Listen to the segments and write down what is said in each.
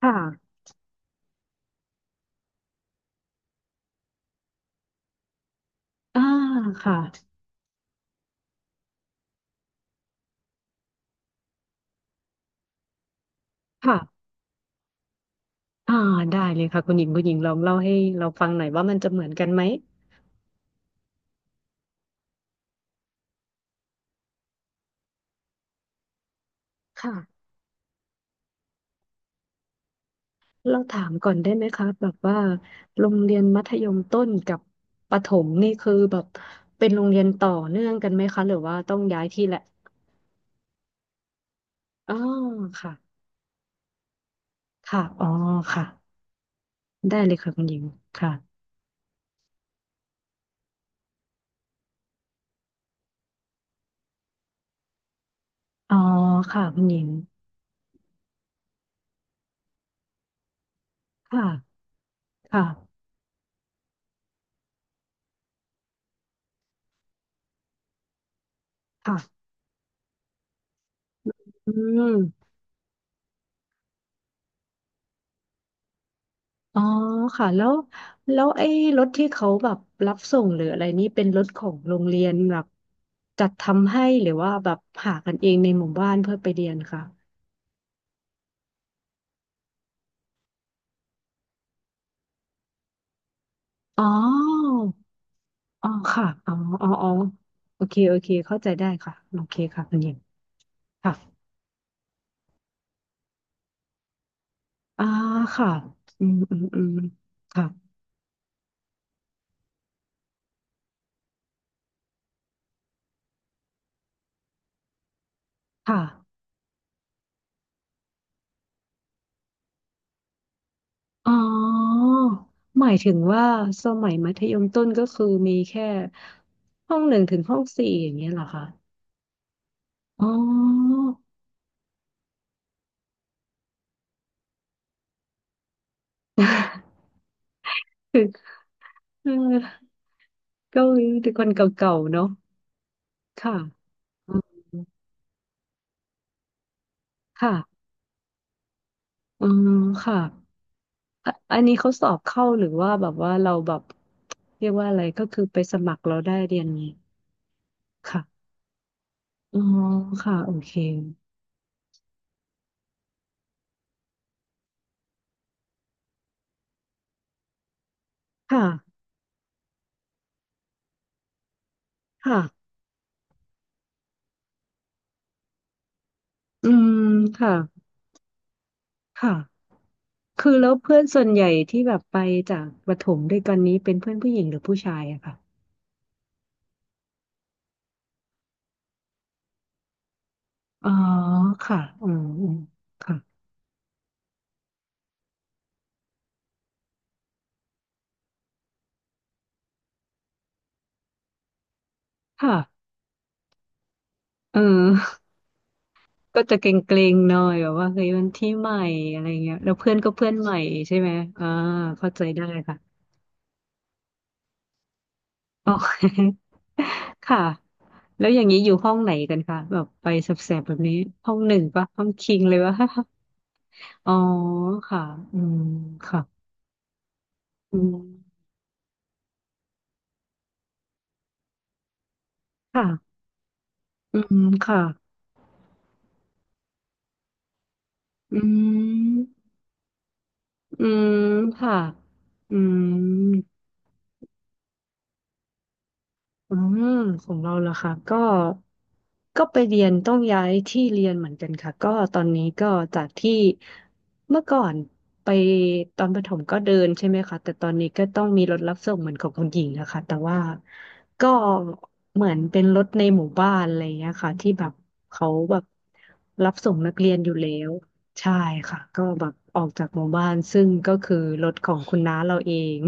ค่ะอ่าค่ะค่ะอ่าได้เลยค่ะคุณหญิงคุณหญิงลองเล่าให้เราฟังหน่อยว่ามันจะเหมือนกันไหม ค่ะ เราถามก่อนได้ไหมคะแบบว่าโรงเรียนมัธยมต้นกับประถมนี่คือแบบเป็นโรงเรียนต่อเนื่องกันไหมคะหรือว่าต้องย้ายที่แหละ อ๋อค่ะค่ะ อ๋อค่ะ ได้เลยค่ะคุณหญิงค่ะอ๋อค่ะคุณหญิงค่ะค่ะค่ะอืม อ๋อค่ะแล้วไอ้รถที่เขาแบบรับส่งหรืออะไรนี่เป็นรถของโรงเรียนแบบจัดทำให้หรือว่าแบบหากันเองในหมู่บ้านเพื่อไปเรียนค่ะอ๋ออ๋อค่ะอ๋ออ๋ออ๋อโอเคโอเคเข้าใจได้ค่ะโอเคค่ะคุณหญิงค่ะอ่าค่ะอืมอืมอืมค่ะค่ะอ๋อหมายถึงว่าสมัยมัธยมต้นก็คือมีแค่ห้องหนึ่งถึงห้องสี่อย่างเงี้ยเหรอคะอ๋อ คือคือเกาหลีแต่คนเก่าๆเนาะค่ะอืมค่ะอืมค่ะอะอันนี้เขาสอบเข้าหรือว่าแบบว่าเราแบบเรียกว่าอะไรก็คือไปสมัครเราได้เรียนนี้ค่ะอ๋อค่ะโอเคค่ะค่ะอืมค่ะค่ะคือแล้วเพื่อนส่วนใหญ่ที่แบบไปจากประถมด้วยกันนี้เป็นเพื่อนผู้หญิงหรือผู้ชายอะค่ะอ๋อค่ะอืมอืมค่ะค่ะเออ ก็จะเกรงๆหน่อยแบบว่าเฮ้ยมันที่ใหม่อะไรเงี้ยแล้วเพื่อนก็เพื่อนใหม่ใช่ไหมอ่าเข้าใจได้ค่ะอ๋อ ค่ะแล้วอย่างนี้อยู่ห้องไหนกันคะแบบไปแสบๆแบบนี้ห้องหนึ่งปะห้องคิงเลยวะ อ๋อค่ะอืมค่ะอืมค่ะอืมค่ะอืมอืมค่ะอืม อืมของเราล่ะค่ะก็ก็ไปเรียนต้องย้ายที่เรียนเหมือนกันค่ะก็ตอนนี้ก็จากที่เมื่อก่อนไปตอนประถมก็เดินใช่ไหมคะแต่ตอนนี้ก็ต้องมีรถรับส่งเหมือนของคุณหญิงนะคะแต่ว่าก็เหมือนเป็นรถในหมู่บ้านอะไรอย่างเงี้ยค่ะที่แบบเขาแบบรับส่งนักเรียนอยู่แล้วใช่ค่ะก็แบบออกจากหมู่บ้านซึ่งก็คือรถของคุณน้าเราเอง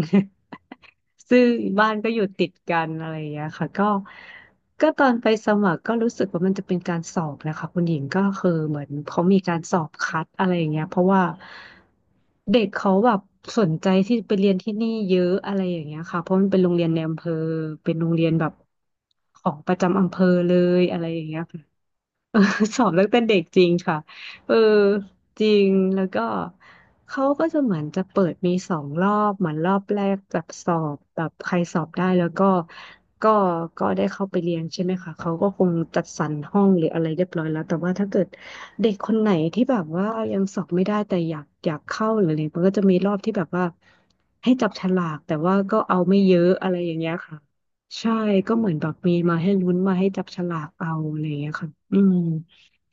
ซึ่งบ้านก็อยู่ติดกันอะไรอย่างเงี้ยค่ะก็ก็ตอนไปสมัครก็รู้สึกว่ามันจะเป็นการสอบนะคะคุณหญิงก็คือเหมือนเขามีการสอบคัดอะไรอย่างเงี้ยเพราะว่าเด็กเขาแบบสนใจที่ไปเรียนที่นี่เยอะอะไรอย่างเงี้ยค่ะเพราะมันเป็นโรงเรียนในอำเภอเป็นโรงเรียนแบบของประจำอำเภอเลยอะไรอย่างเงี้ยค่ะ เออ สอบตั้งแต่เด็กจริงค่ะเออจริงแล้วก็เขาก็จะเหมือนจะเปิดมีสองรอบเหมือนรอบแรกแบบสอบแบบใครสอบได้แล้วก็ก็ได้เข้าไปเรียนใช่ไหมคะเขาก็คงจัดสรรห้องหรืออะไรเรียบร้อยแล้วแต่ว่าถ้าเกิดเด็กคนไหนที่แบบว่ายังสอบไม่ได้แต่อยากเข้าหรืออะไรมันก็จะมีรอบที่แบบว่าให้จับฉลากแต่ว่าก็เอาไม่เยอะอะไรอย่างเงี้ยค่ะ ใช่ก็เหมือนแบบมีมาให้ลุ้นมาให้จับฉลากเอาอะไรอย่างเงี้ยค่ะอืม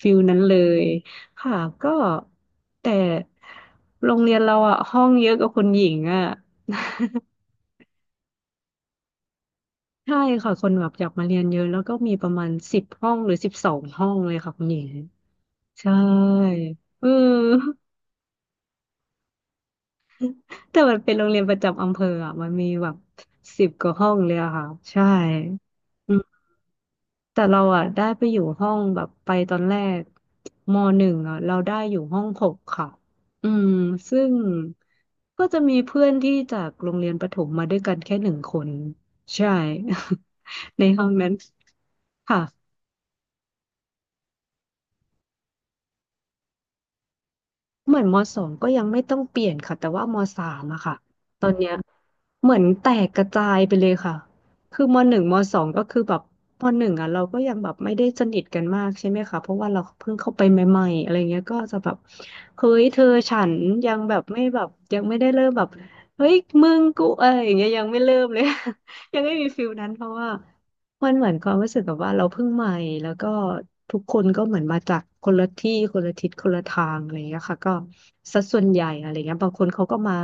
ฟิลนั้นเลยค่ะก็แต่โรงเรียนเราอะห้องเยอะกว่าคนหญิงอะ ใช่ค่ะคนแบบอยากมาเรียนเยอะแล้วก็มีประมาณสิบห้องหรือสิบสองห้องเลยค่ะคุณหญิงใช่เออ แต่มันเป็นโรงเรียนประจำอำเภออะมันมีแบบสิบกว่าห้องเลยอะค่ะใช่อื แต่เราอ่ะได้ไปอยู่ห้องแบบไปตอนแรกมหนึ่งอ่ะเราได้อยู่ห้องหกค่ะอืมซึ่งก็จะมีเพื่อนที่จากโรงเรียนประถมมาด้วยกันแค่หนึ่งคนใช่ ในห้องนั้นค่ะ เหมือนมสองก็ยังไม่ต้องเปลี่ยนค่ะแต่ว่ามสามอะค่ะตอนเนี้ยเหมือนแตกกระจายไปเลยค่ะคือมหนึ่งมสองก็คือแบบมหนึ่งอะเราก็ยังแบบไม่ได้สนิทกันมากใช่ไหมคะเพราะว่าเราเพิ่งเข้าไปใหม่ๆอะไรเงี้ยก็จะแบบเฮ้ยเธอฉันยังแบบไม่แบบยังไม่ได้เริ่มแบบเฮ้ยมึงกูเอ้ยอย่างเงี้ยยังไม่เริ่มเลย ยังไม่มีฟิลนั้นเพราะว่า มันเหมือนความรู้สึกแบบว่าเราเพิ่งใหม่แล้วก็ทุกคนก็เหมือนมาจากคนละที่คนละทิศคนละทางอะไรอย่างเงี้ยค่ะก็สัดส่วนใหญ่อะไรเงี้ยบางคนเขาก็มา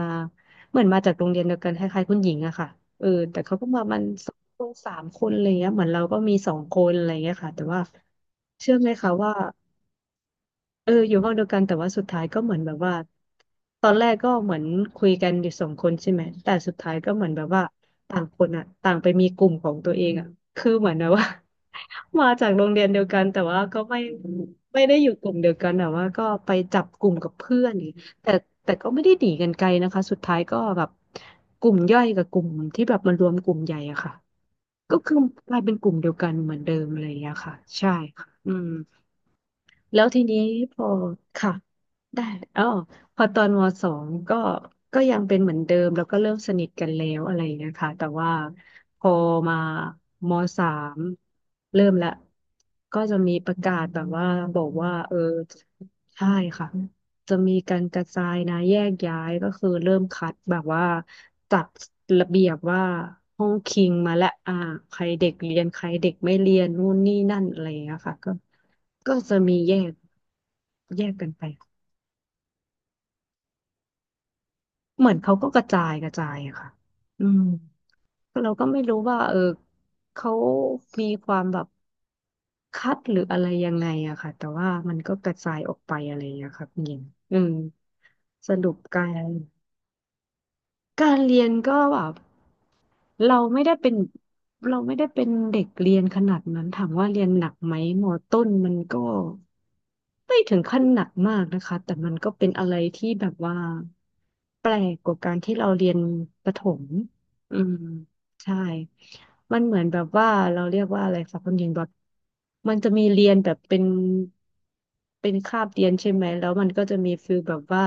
เหมือนมาจากโรงเรียนเดียวกันคล้ายๆคุณหญิงอะค่ะเออแต่เขาก็มามันสองคนสามคนอะไรเงี้ยเหมือนเราก็มีสองคนอะไรเงี้ยค่ะแต่ว่าเชื่อไหมคะว่า เอออยู่ห้องเดียวกันแต่ว่าสุดท้ายก็เหมือนแบบว่าตอนแรกก็เหมือนคุยกันอยู่สองคนใช่ไหมแต่สุดท้ายก็เหมือนแบบว่าต่างคนอ่ะต่างไปมีกลุ่มของตัวเองอ่ะคือเหมือนแบบว่า มาจากโรงเรียนเดียวกันแต่ว่าก็ไม่ไม่ได้อยู่กลุ่มเดียวกันแต่ว่าก็ไปจับกลุ่มกับเพื่อนอย่างงี้แต่แต่ก็ไม่ได้หนีกันไกลนะคะสุดท้ายก็แบบกลุ่มย่อยกับกลุ่มที่แบบมารวมกลุ่มใหญ่อะค่ะก็คือกลายเป็นกลุ่มเดียวกันเหมือนเดิมอะไรอย่างเงี้ยค่ะใช่ค่ะอืม แล้วทีนี้พอค่ะได้อ๋อพอตอนมสองก็ก็ยังเป็นเหมือนเดิมแล้วก็เริ่มสนิทกันแล้วอะไรอย่างเงี้ยค่ะแต่ว่าพอมามสามเริ่มละก็จะมีประกาศแบบว่าบอกว่าเออใช่ค่ะ จะมีการกระจายนะแยกย้ายก็คือเริ่มคัดแบบว่าจัดระเบียบว่าห้องคิงมาและอ่าใครเด็กเรียนใครเด็กไม่เรียนนู่นนี่นั่นอะไรอย่างเงี้ยค่ะก็ก็จะมีแยกแยกกันไปเหมือนเขาก็กระจายกระจายอะค่ะอืมเราก็ไม่รู้ว่าเออเขามีความแบบคัดหรืออะไรยังไงอะค่ะแต่ว่ามันก็กระจายออกไปอะไรอย่างเงี้ยค่ะคุณหญิงอืมสรุปกัร การเรียนก็แบบเราไม่ได้เป็นเราไม่ได้เป็นเด็กเรียนขนาดนั้นถามว่าเรียนหนักไหมมอต้นมันก็ไม่ถึงขั้นหนักมากนะคะแต่มันก็เป็นอะไรที่แบบว่าแปลกกว่าการที่เราเรียนประถมอืม ใช่ มันเหมือนแบบว่าเราเรียกว่าอะไรคะคุณหญิงแบบมันจะมีเรียนแบบเป็นคาบเรียนใช่ไหมแล้วมันก็จะมีฟิลแบบว่า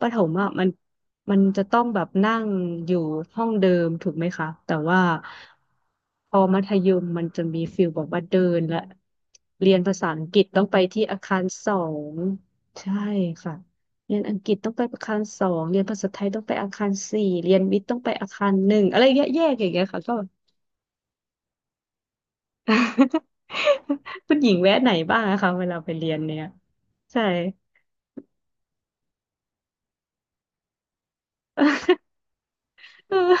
ประถมอ่ะมันจะต้องแบบนั่งอยู่ห้องเดิมถูกไหมคะแต่ว่าพอมัธยมมันจะมีฟิลแบบว่าเดินและเรียนภาษาอังกฤษต้องไปที่อาคารสองใช่ค่ะ เรียนอังกฤษต้องไปอาคารสองเรียนภาษาไทยต้องไปอาคารสี่เรียนวิทย์ต้องไปอาคารหนึ่งอะไรเงี้ยแยกอย่างเงี้ยค่ะก็ คุณหญิงแวะไหนบ้างอะคะเวลาไปเรียนเนี่ยใช่ เออ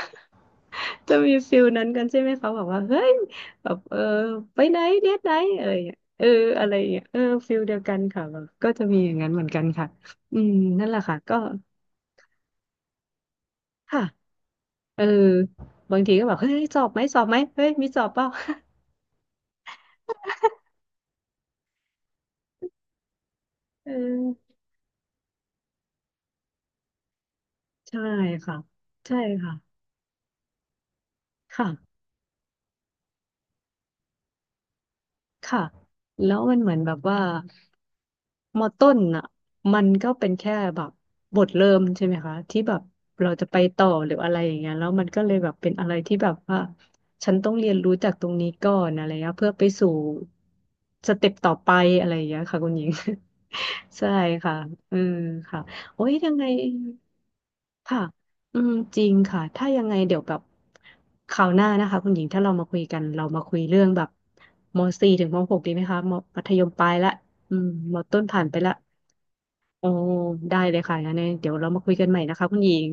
จะมีฟิลนั้นกันใช่ไหมคะแบบว่าเฮ้ยแบบเออไปไหนเดทไหนอะไรอย่างเงี้ยเอออะไรอย่างเงี้ยเออฟิลเดียวกันค่ะแบบก็จะมีอย่างนั้นเหมือนกันค่ะอืมนั่นแหละค่ะก็ค่ะเออบางทีก็แบบเฮ้ยสอบไหมสอบไหมเฮ้ยมีสอบเปล่า เออ ใช่ค่ะใช่ค่ะค่ะค่ะแล้วมันเหมือนแบบว่ามอต้นอ่ะมันก็เป็นแค่แบบบทเริ่มใช่ไหมคะที่แบบเราจะไปต่อหรืออะไรอย่างเงี้ยแล้วมันก็เลยแบบเป็นอะไรที่แบบว่าฉันต้องเรียนรู้จากตรงนี้ก่อนอะไรเงี้ยเพื่อไปสู่สเต็ปต่อไปอะไรอย่างเงี้ยค่ะคุณหญิง ใช่ค่ะอืมค่ะโอ้ยยังไง ค่ะอืมจริงค่ะ ถ้ายังไงเดี๋ยวแบบคราวหน้านะคะคุณหญิงถ้าเรามาคุยกัน เรามาคุยเรื่องแบบมสี่ถึงมหกดีไหมคะมมัธยมปลายละอืมมต้นผ่านไปละโอ้ ได้เลยค่ะงั้นเดี๋ยวเรามาคุยกันใหม่นะคะคุณหญิง